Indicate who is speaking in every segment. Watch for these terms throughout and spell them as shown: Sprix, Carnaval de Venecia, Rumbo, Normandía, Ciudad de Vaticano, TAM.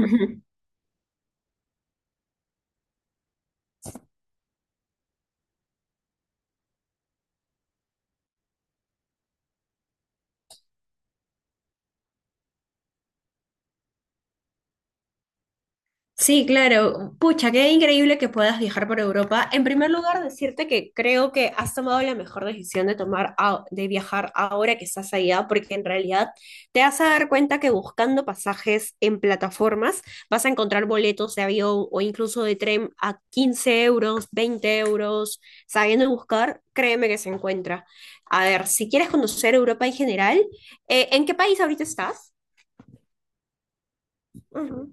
Speaker 1: Ujú. Sí, claro. Pucha, qué increíble que puedas viajar por Europa. En primer lugar, decirte que creo que has tomado la mejor decisión de viajar ahora que estás allá, porque en realidad te vas a dar cuenta que buscando pasajes en plataformas vas a encontrar boletos de avión o incluso de tren a 15 euros, 20 euros. Sabiendo buscar, créeme que se encuentra. A ver, si quieres conocer Europa en general, ¿en qué país ahorita estás? Ujú.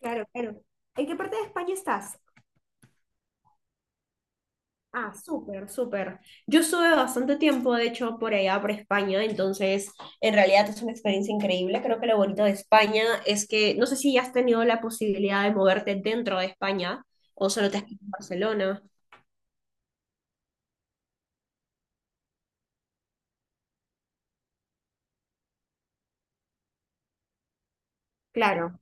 Speaker 1: Claro, claro. ¿En qué parte de España estás? Ah, súper, súper. Yo estuve bastante tiempo, de hecho, por allá, por España, entonces en realidad es una experiencia increíble. Creo que lo bonito de España es que no sé si ya has tenido la posibilidad de moverte dentro de España o solo te has quedado en Barcelona. Claro.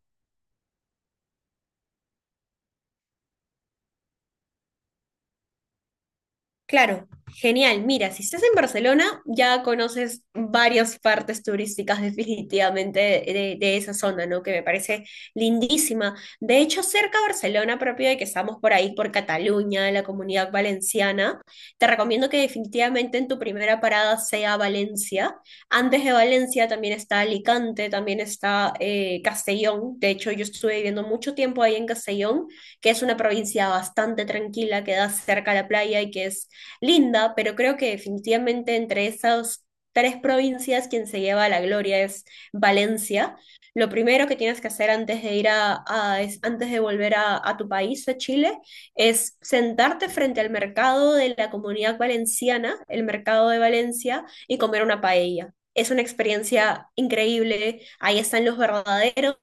Speaker 1: Claro, genial. Mira, si estás en Barcelona, ya conoces varias partes turísticas definitivamente de esa zona, ¿no? Que me parece lindísima. De hecho, cerca de Barcelona, propio de que estamos por ahí, por Cataluña, la Comunidad Valenciana, te recomiendo que definitivamente en tu primera parada sea Valencia. Antes de Valencia también está Alicante, también está Castellón. De hecho, yo estuve viviendo mucho tiempo ahí en Castellón, que es una provincia bastante tranquila, que da cerca a la playa y que es linda, pero creo que definitivamente entre esas tres provincias quien se lleva la gloria es Valencia. Lo primero que tienes que hacer antes de ir antes de volver a tu país, a Chile, es sentarte frente al mercado de la comunidad valenciana, el mercado de Valencia, y comer una paella. Es una experiencia increíble. Ahí están los verdaderos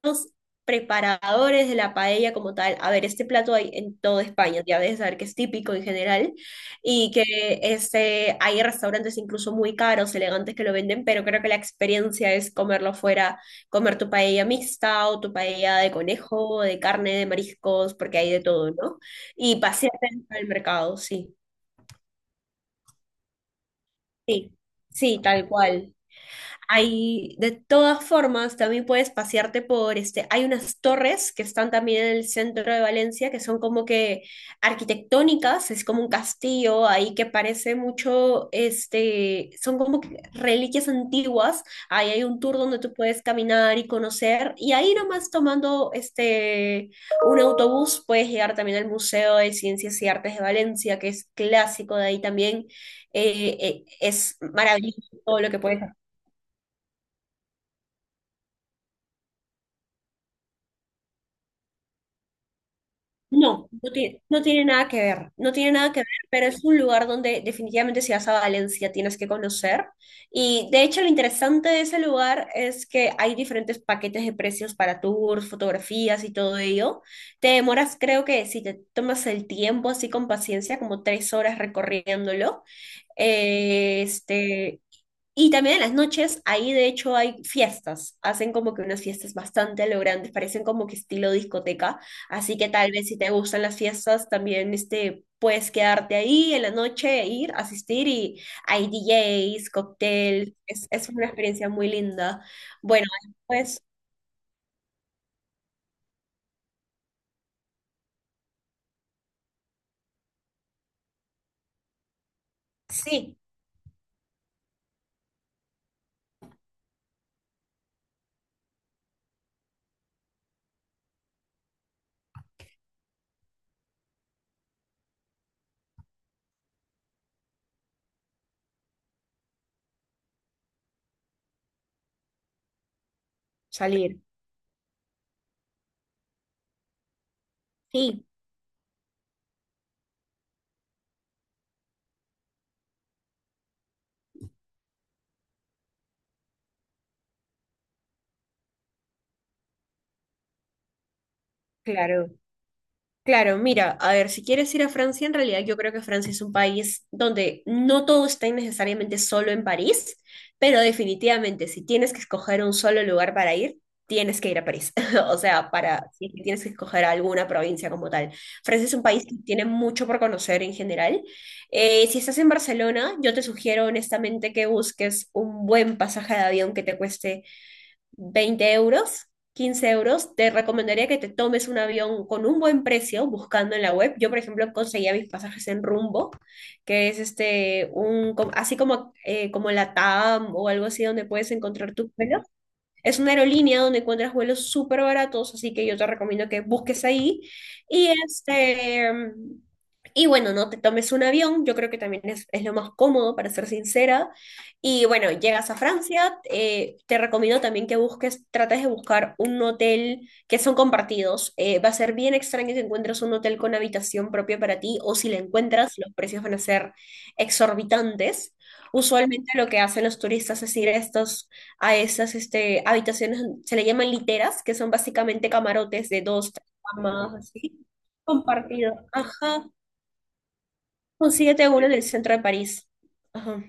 Speaker 1: preparadores de la paella como tal. A ver, este plato hay en toda España, ya debes saber que es típico en general, y que hay restaurantes incluso muy caros, elegantes que lo venden, pero creo que la experiencia es comerlo fuera, comer tu paella mixta o tu paella de conejo, de carne, de mariscos, porque hay de todo, ¿no? Y pasear dentro del mercado. Sí, sí, sí, tal cual. Hay, de todas formas, también puedes pasearte por este. Hay unas torres que están también en el centro de Valencia que son como que arquitectónicas, es como un castillo ahí que parece mucho, son como que reliquias antiguas. Ahí hay un tour donde tú puedes caminar y conocer. Y ahí nomás tomando un autobús puedes llegar también al Museo de Ciencias y Artes de Valencia, que es clásico de ahí también. Es maravilloso todo lo que puedes. No, no tiene, no tiene nada que ver, no tiene nada que ver, pero es un lugar donde definitivamente si vas a Valencia tienes que conocer. Y de hecho lo interesante de ese lugar es que hay diferentes paquetes de precios para tours, fotografías y todo ello. Te demoras, creo que si te tomas el tiempo así con paciencia, como 3 horas recorriéndolo. eh, este, y también en las noches, ahí de hecho hay fiestas, hacen como que unas fiestas bastante a lo grandes, parecen como que estilo discoteca, así que tal vez si te gustan las fiestas, también puedes quedarte ahí en la noche, e ir, asistir y hay DJs, cóctel, es una experiencia muy linda. Bueno, después sí, salir, sí, claro. Claro, mira, a ver, si quieres ir a Francia, en realidad yo creo que Francia es un país donde no todo está necesariamente solo en París, pero definitivamente si tienes que escoger un solo lugar para ir, tienes que ir a París. O sea, para si es que tienes que escoger alguna provincia como tal. Francia es un país que tiene mucho por conocer en general. Si estás en Barcelona, yo te sugiero honestamente que busques un buen pasaje de avión que te cueste 20 euros, 15 euros, te recomendaría que te tomes un avión con un buen precio buscando en la web. Yo, por ejemplo, conseguía mis pasajes en Rumbo, que es así como, como la TAM o algo así donde puedes encontrar tu vuelo. Es una aerolínea donde encuentras vuelos súper baratos, así que yo te recomiendo que busques ahí. Y este, y bueno, no te tomes un avión, yo creo que también es lo más cómodo, para ser sincera. Y bueno, llegas a Francia, te recomiendo también que busques, trates de buscar un hotel que son compartidos. Va a ser bien extraño que encuentres un hotel con habitación propia para ti, o si la encuentras, los precios van a ser exorbitantes. Usualmente lo que hacen los turistas es ir a esas habitaciones, se le llaman literas, que son básicamente camarotes de dos, tres camas, así, compartido. Ajá, consíguete uno en el centro de París. Ajá.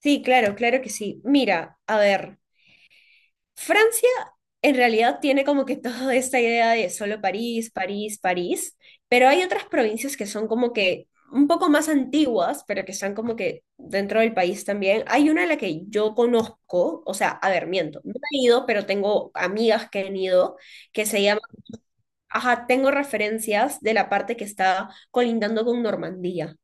Speaker 1: Sí, claro, claro que sí. Mira, a ver. Francia en realidad tiene como que toda esta idea de solo París, París, París, pero hay otras provincias que son como que un poco más antiguas, pero que están como que dentro del país también. Hay una a la que yo conozco, o sea, a ver, miento, no he ido, pero tengo amigas que han ido, que se llama, ajá, tengo referencias de la parte que está colindando con Normandía.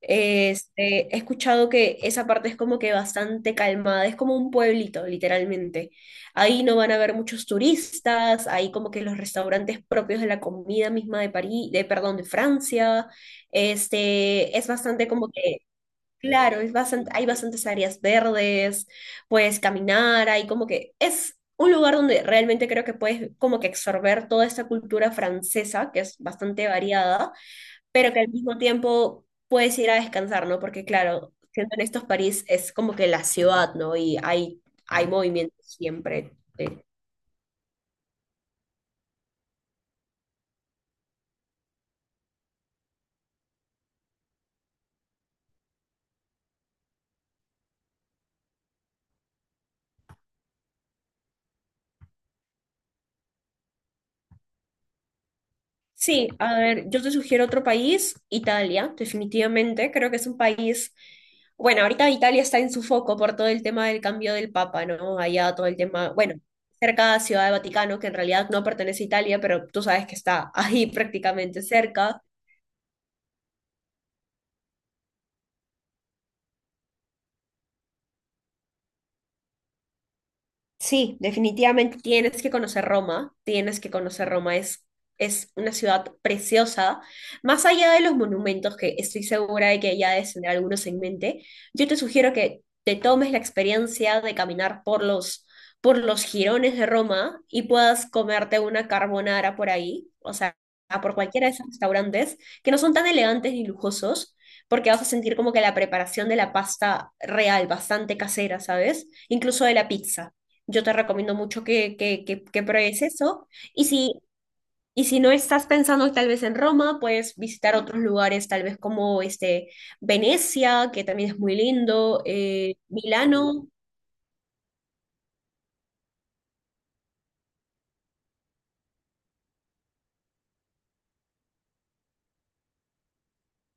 Speaker 1: He escuchado que esa parte es como que bastante calmada, es como un pueblito, literalmente. Ahí no van a haber muchos turistas, ahí como que los restaurantes propios de la comida misma de París, de, perdón, de Francia. Es bastante como que, claro, es bastante, hay bastantes áreas verdes, puedes caminar, hay como que es un lugar donde realmente creo que puedes como que absorber toda esta cultura francesa, que es bastante variada pero que al mismo tiempo puedes ir a descansar, ¿no? Porque claro, siendo en estos París es como que la ciudad, ¿no? Y hay movimiento siempre. eh. Sí, a ver, yo te sugiero otro país, Italia, definitivamente. Creo que es un país, bueno, ahorita Italia está en su foco por todo el tema del cambio del Papa, ¿no? Allá todo el tema, bueno, cerca de Ciudad de Vaticano, que en realidad no pertenece a Italia, pero tú sabes que está ahí prácticamente cerca. Sí, definitivamente tienes que conocer Roma, tienes que conocer Roma, es una ciudad preciosa. Más allá de los monumentos, que estoy segura de que ya debes tener algunos en mente, yo te sugiero que te tomes la experiencia de caminar por los jirones de Roma y puedas comerte una carbonara por ahí, o sea, por cualquiera de esos restaurantes, que no son tan elegantes ni lujosos, porque vas a sentir como que la preparación de la pasta real, bastante casera, ¿sabes? Incluso de la pizza yo te recomiendo mucho que pruebes eso. Y si, y si no estás pensando tal vez en Roma, puedes visitar otros lugares, tal vez como este, Venecia, que también es muy lindo, Milano.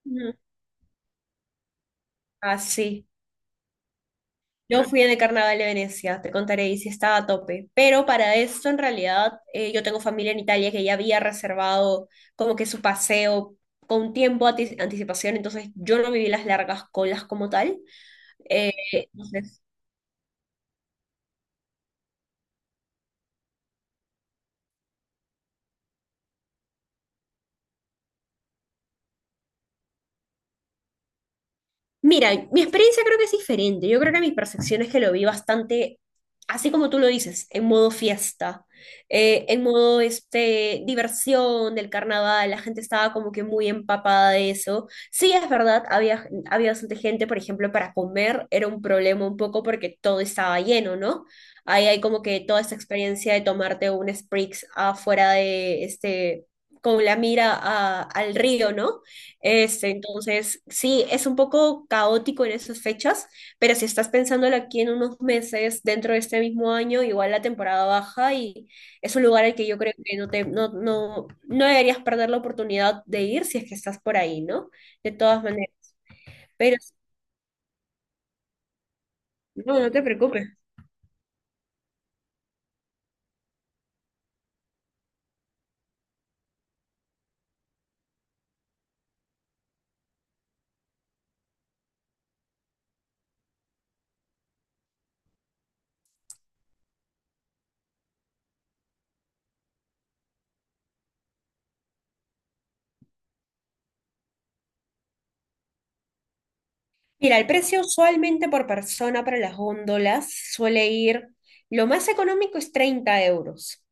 Speaker 1: Ujú. Ah, sí. Yo fui en el Carnaval de Venecia, te contaré, y sí estaba a tope. Pero para esto, en realidad, yo tengo familia en Italia que ya había reservado como que su paseo con tiempo, ati- anticipación, entonces yo no viví las largas colas como tal. Eh, entonces, mira, mi experiencia creo que es diferente. Yo creo que mi percepción es que lo vi bastante, así como tú lo dices, en modo fiesta, en modo diversión del carnaval. La gente estaba como que muy empapada de eso. Sí, es verdad, había, había bastante gente, por ejemplo, para comer era un problema un poco porque todo estaba lleno, ¿no? Ahí hay como que toda esta experiencia de tomarte un Sprix afuera de con la mira al río, ¿no? Entonces, sí, es un poco caótico en esas fechas, pero si estás pensándolo aquí en unos meses, dentro de este mismo año, igual la temporada baja y es un lugar al que yo creo que no te, no, no, no deberías perder la oportunidad de ir si es que estás por ahí, ¿no? De todas maneras, pero no, no te preocupes. Mira, el precio usualmente por persona para las góndolas suele ir, lo más económico es 30 euros.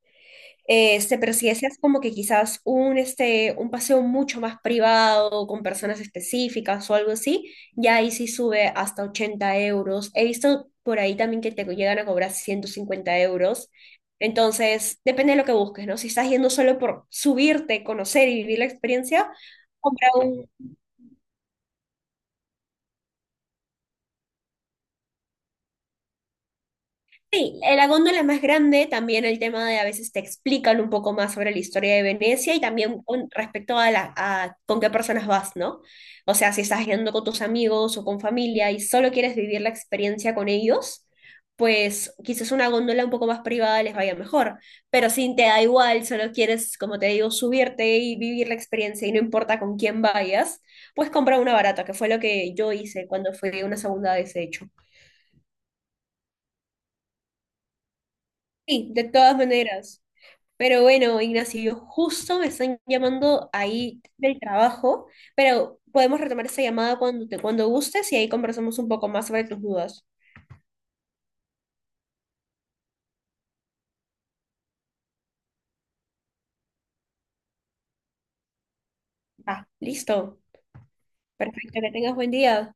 Speaker 1: Pero si deseas como que quizás un paseo mucho más privado, con personas específicas o algo así, ya ahí sí sube hasta 80 euros. He visto por ahí también que te llegan a cobrar 150 euros. Entonces, depende de lo que busques, ¿no? Si estás yendo solo por subirte, conocer y vivir la experiencia, compra un. Sí, la góndola es más grande, también el tema de a veces te explican un poco más sobre la historia de Venecia y también con respecto a, la, a con qué personas vas, ¿no? O sea, si estás yendo con tus amigos o con familia y solo quieres vivir la experiencia con ellos, pues quizás una góndola un poco más privada les vaya mejor, pero si te da igual, solo quieres, como te digo, subirte y vivir la experiencia y no importa con quién vayas, pues compra una barata, que fue lo que yo hice cuando fue una segunda vez, de hecho. Sí, de todas maneras. Pero bueno, Ignacio, justo me están llamando ahí del trabajo, pero podemos retomar esta llamada cuando te, cuando gustes y ahí conversamos un poco más sobre tus dudas. Ah, listo. Perfecto, que tengas buen día.